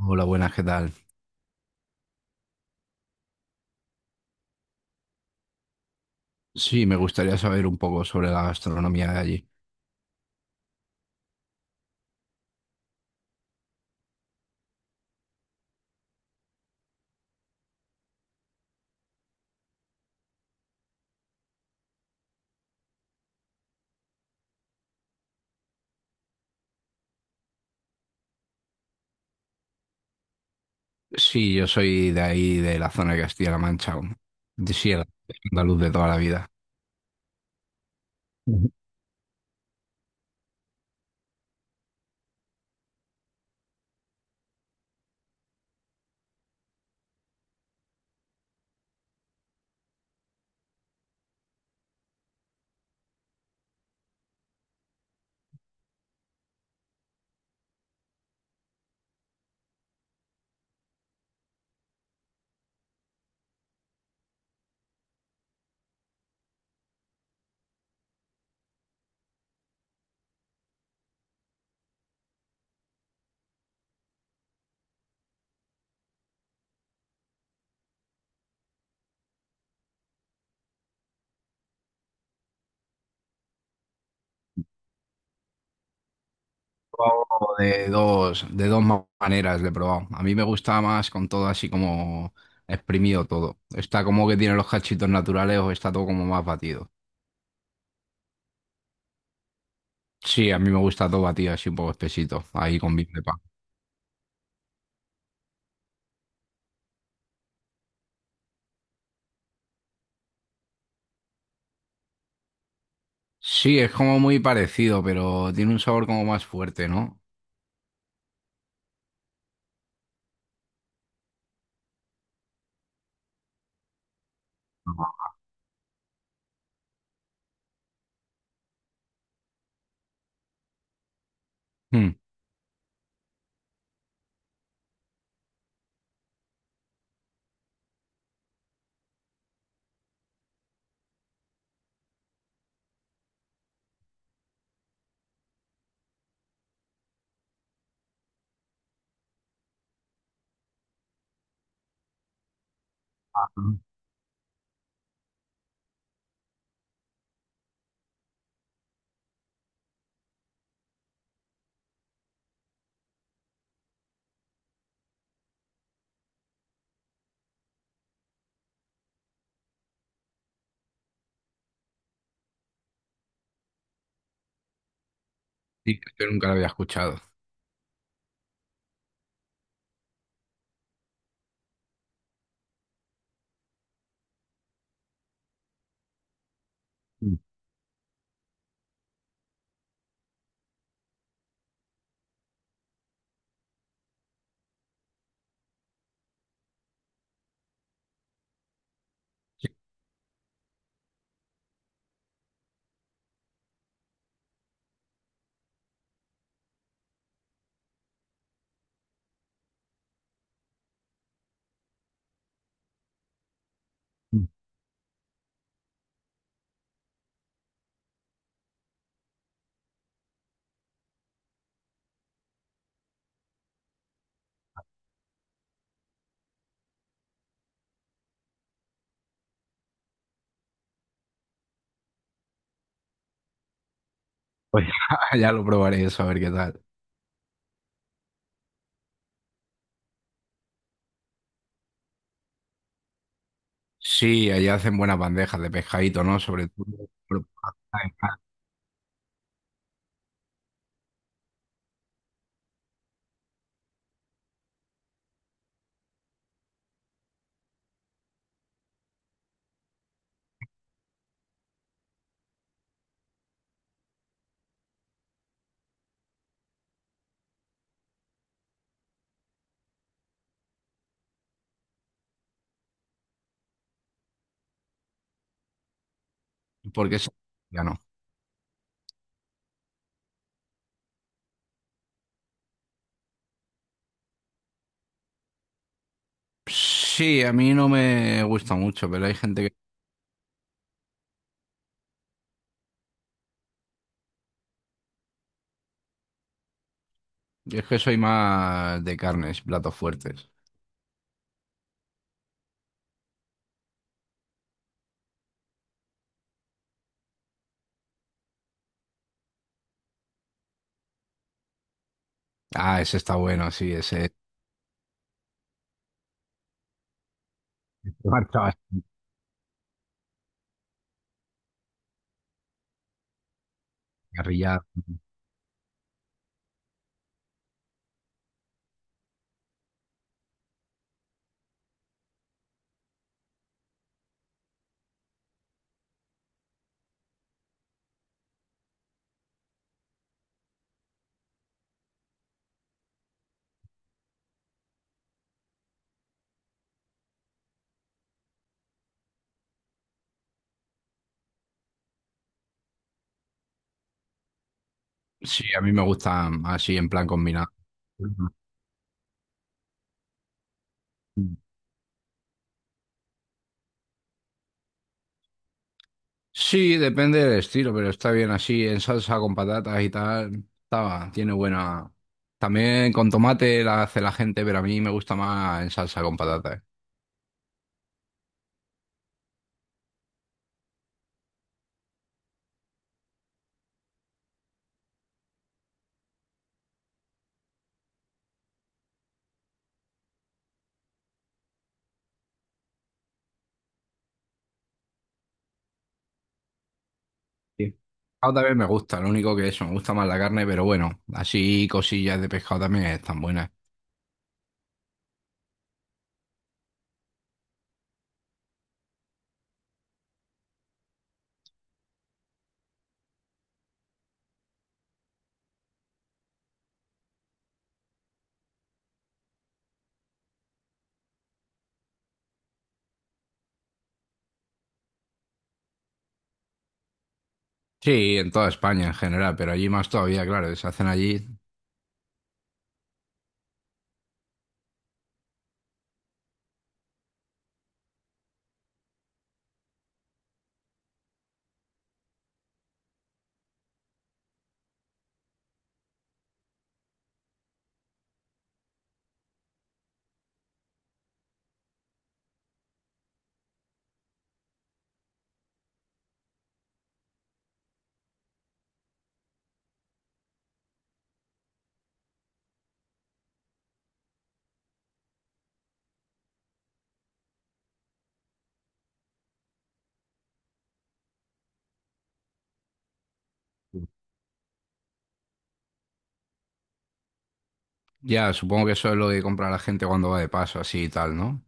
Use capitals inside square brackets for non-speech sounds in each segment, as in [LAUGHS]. Hola, buenas, ¿qué tal? Sí, me gustaría saber un poco sobre la gastronomía de allí. Sí, yo soy de ahí, de la zona de Castilla-La Mancha, de Sierra, andaluz de toda la vida. Ujú. He probado De dos maneras le he probado. A mí me gusta más con todo así como exprimido todo. Está como que tiene los cachitos naturales o está todo como más batido. Sí, a mí me gusta todo batido así un poco espesito, ahí con vino de pan. Sí, es como muy parecido, pero tiene un sabor como más fuerte, ¿no? Ujú. Hmm. Sí, yo nunca lo había escuchado. Mm. Mm. Pues [LAUGHS] ya lo probaré eso, a ver qué tal. Sí, allá hacen buenas bandejas de pescadito, ¿no? Sobre todo. pero- Porque es- ya no. Sí, a mí no me gusta mucho, pero hay gente que... Es que soy más de carnes, platos fuertes. Ah, ese está bueno, sí, ese. Marca bastante. Carrillada. [LAUGHS] Sí, a mí me gustan así en plan combinado. Sí, depende del estilo, pero está bien así, en salsa con patatas y tal. Estaba, tiene buena. También con tomate la hace la gente, pero a mí me gusta más en salsa con patatas. Sí. Pescado también me gusta, lo único que eso, me gusta más la carne, pero bueno, así cosillas de pescado también están buenas. Sí, en toda España en general, pero allí más todavía, claro, se hacen allí. Ya, supongo que eso es lo que compra la gente cuando va de paso, así y tal, ¿no?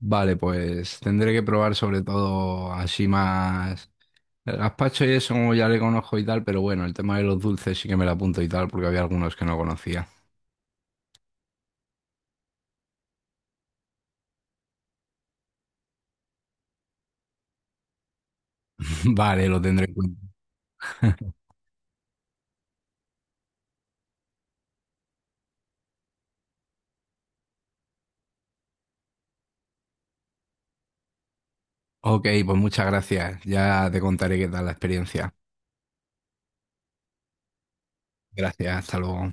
Vale, pues tendré que probar sobre todo así más. El gazpacho y eso como ya le conozco y tal, pero bueno, el tema de los dulces sí que me lo apunto y tal, porque había algunos que no conocía. [LAUGHS] Vale, lo tendré en cuenta. [LAUGHS] Ok, pues muchas gracias. Ya te contaré qué tal la experiencia. Gracias, hasta luego.